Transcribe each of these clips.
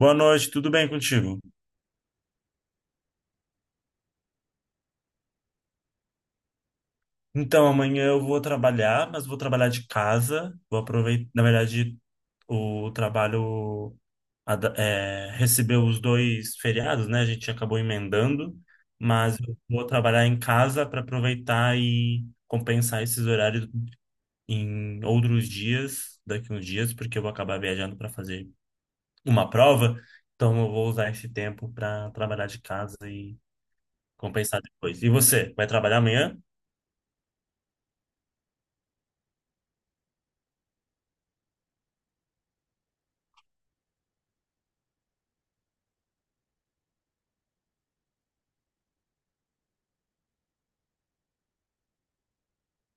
Boa noite, tudo bem contigo? Então, amanhã eu vou trabalhar, mas vou trabalhar de casa. Vou aproveitar, na verdade, o trabalho recebeu os dois feriados, né? A gente acabou emendando, mas eu vou trabalhar em casa para aproveitar e compensar esses horários em outros dias, daqui uns dias, porque eu vou acabar viajando para fazer uma prova. Então, eu vou usar esse tempo para trabalhar de casa e compensar depois. E você, vai trabalhar amanhã?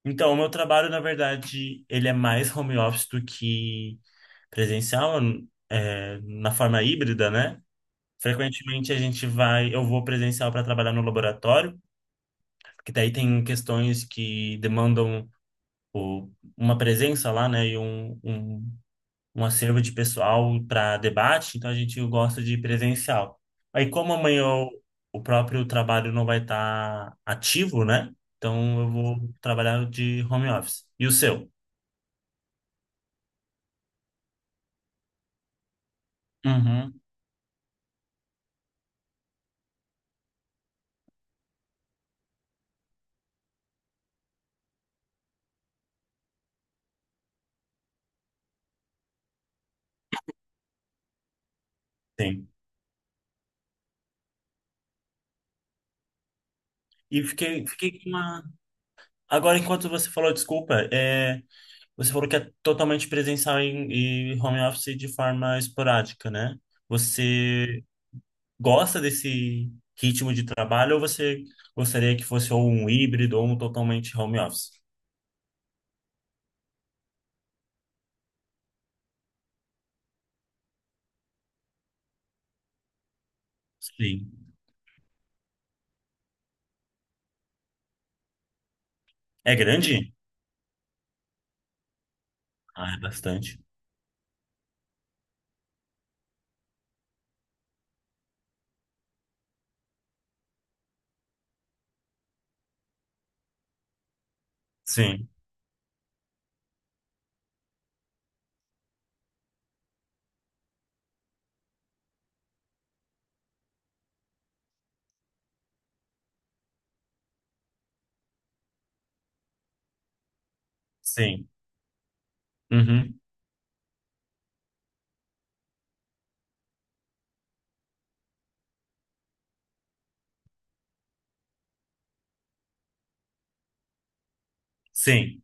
Então, o meu trabalho, na verdade, ele é mais home office do que presencial, na forma híbrida, né? Frequentemente a gente vai, eu vou presencial para trabalhar no laboratório, que daí tem questões que demandam o- uma presença lá, né? E um acervo de pessoal para debate, então a gente gosta de presencial. Aí, como o próprio trabalho não vai estar ativo, né? Então eu vou trabalhar de home office. E o seu? Uhum. Sim. E fiquei com uma. Agora, enquanto você falou, desculpa, você falou que é totalmente presencial e home office de forma esporádica, né? Você gosta desse ritmo de trabalho ou você gostaria que fosse ou um híbrido ou um totalmente home office? Sim. É grande? Ah, é bastante. Sim, sim. Uhum. Sim,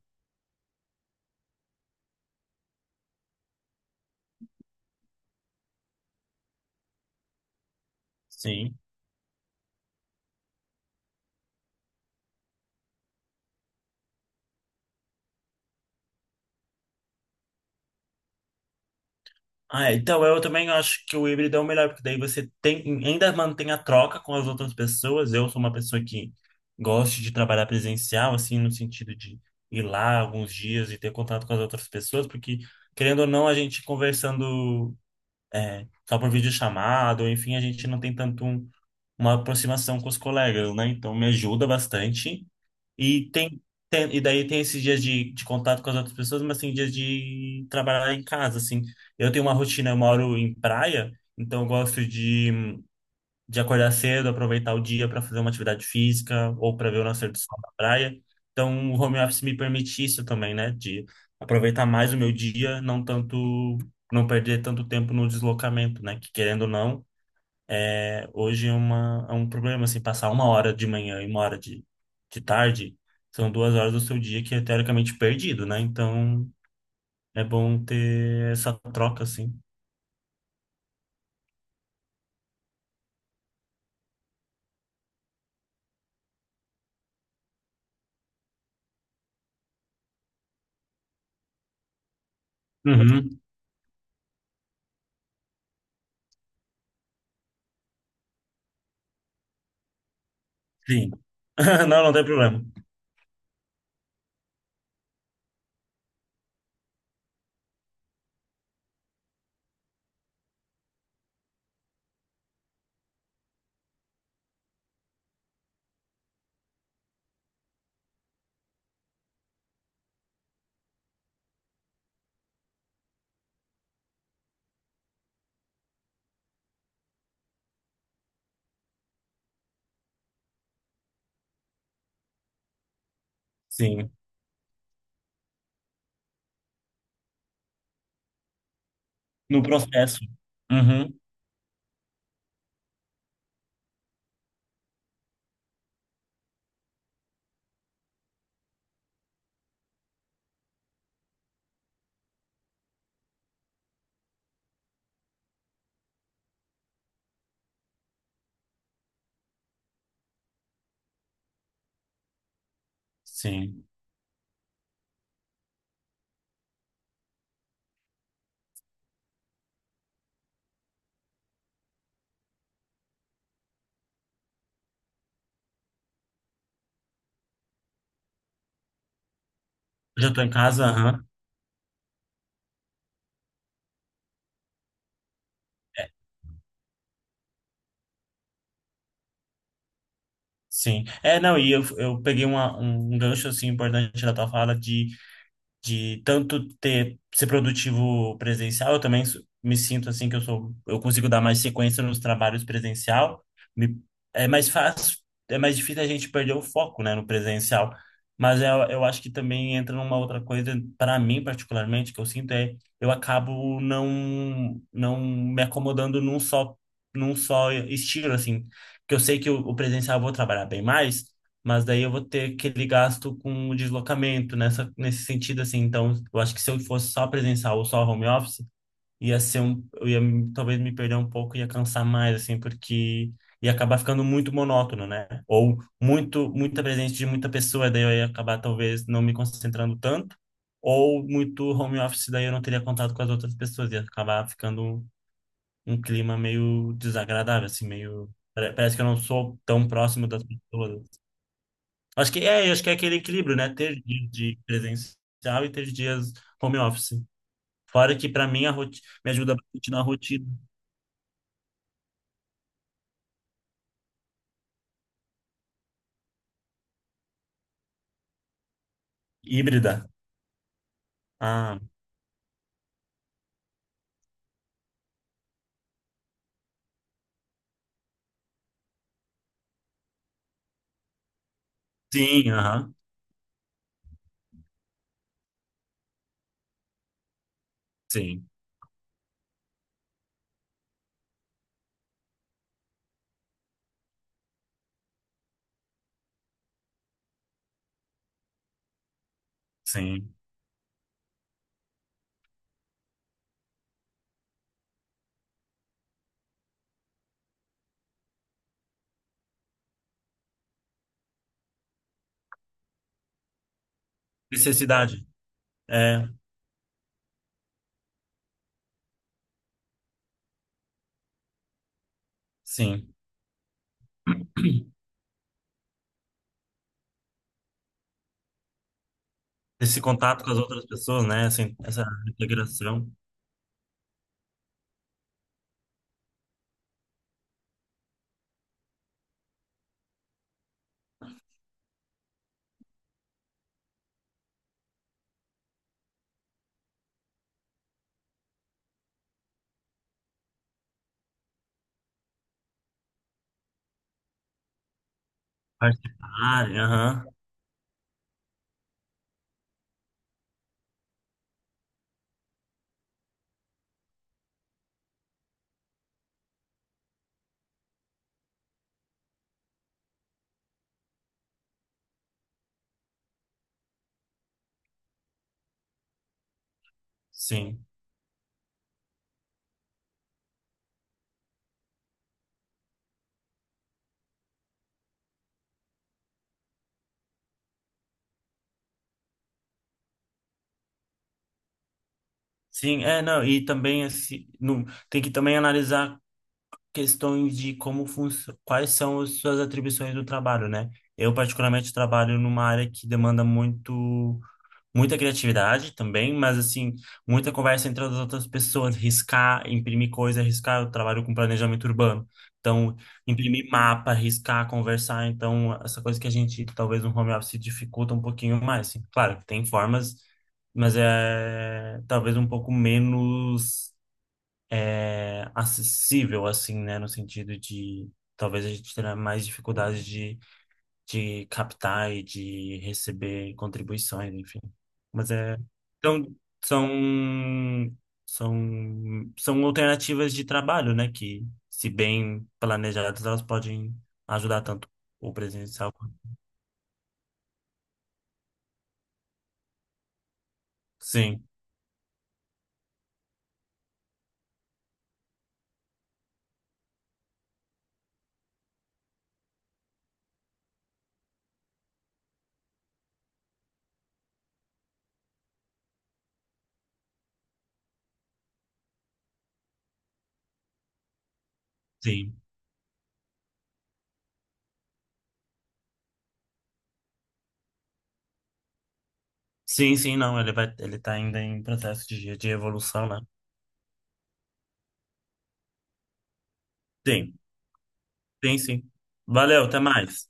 sim. Ah, é, então eu também acho que o híbrido é o melhor, porque daí você tem, ainda mantém a troca com as outras pessoas. Eu sou uma pessoa que gosto de trabalhar presencial, assim, no sentido de ir lá alguns dias e ter contato com as outras pessoas, porque, querendo ou não, a gente conversando só por videochamada, ou enfim, a gente não tem tanto uma aproximação com os colegas, né? Então me ajuda bastante. E tem, e daí tem esses dias de contato com as outras pessoas, mas tem dias de trabalhar em casa, assim. Eu tenho uma rotina, eu moro em praia, então eu gosto de acordar cedo, aproveitar o dia para fazer uma atividade física ou para ver o nascer do sol na praia. Então o home office me permite isso também, né? De aproveitar mais o meu dia, não tanto, não perder tanto tempo no deslocamento, né? Que querendo ou não é um problema, assim, passar uma hora de manhã e uma hora de tarde são duas horas do seu dia que é teoricamente perdido, né? Então é bom ter essa troca, assim. Uhum. Sim. Não, não tem problema. Sim. No processo. Uhum. Sim. Já tô em casa, aham. Sim. É, não, e eu peguei um gancho, assim, importante da tua fala de tanto ter ser produtivo presencial, eu também me sinto assim que eu sou, eu consigo dar mais sequência nos trabalhos presencial. Me- É mais fácil, é mais difícil a gente perder o foco, né, no presencial. Mas eu acho que também entra numa outra coisa, para mim particularmente, que eu sinto é eu acabo não me acomodando num só estilo assim, que eu sei que o presencial eu vou trabalhar bem mais, mas daí eu vou ter aquele gasto com o deslocamento nessa, nesse sentido, assim. Então, eu acho que se eu fosse só presencial ou só home office, ia ser um, eu talvez me perder um pouco, ia cansar mais, assim, porque ia acabar ficando muito monótono, né? Ou muito, muita presença de muita pessoa, daí eu ia acabar talvez não me concentrando tanto. Ou muito home office, daí eu não teria contato com as outras pessoas, ia acabar ficando um clima meio desagradável, assim, meio. Parece que eu não sou tão próximo das pessoas. Acho que é aquele equilíbrio, né? Ter dias de presencial e ter dias home office. Fora que para mim me ajuda bastante na rotina híbrida. Ah, sim, aham, sim, sim. Necessidade. É, sim. Esse contato com as outras pessoas, né? Assim, essa integração, participar, aham, sim. Sim, e também esse, não, tem que também analisar questões de como quais são as suas atribuições do trabalho, né? Eu particularmente trabalho numa área que demanda muito muita criatividade também, mas assim, muita conversa entre as outras pessoas, riscar, imprimir coisa, riscar, eu trabalho com planejamento urbano. Então, imprimir mapa, riscar, conversar, então essa coisa que a gente talvez no home office dificulta um pouquinho mais, assim. Claro que tem formas, mas é talvez um pouco menos acessível, assim, né? No sentido de talvez a gente terá mais dificuldade de captar e de receber contribuições, enfim. Mas é. Então, são, são alternativas de trabalho, né? Que, se bem planejadas, elas podem ajudar tanto o presencial. Quanto. Sim, sim. Sim, sim, não. Ele vai, ele tá ainda em processo de evolução, né? Sim, sim, sim. Valeu, até mais.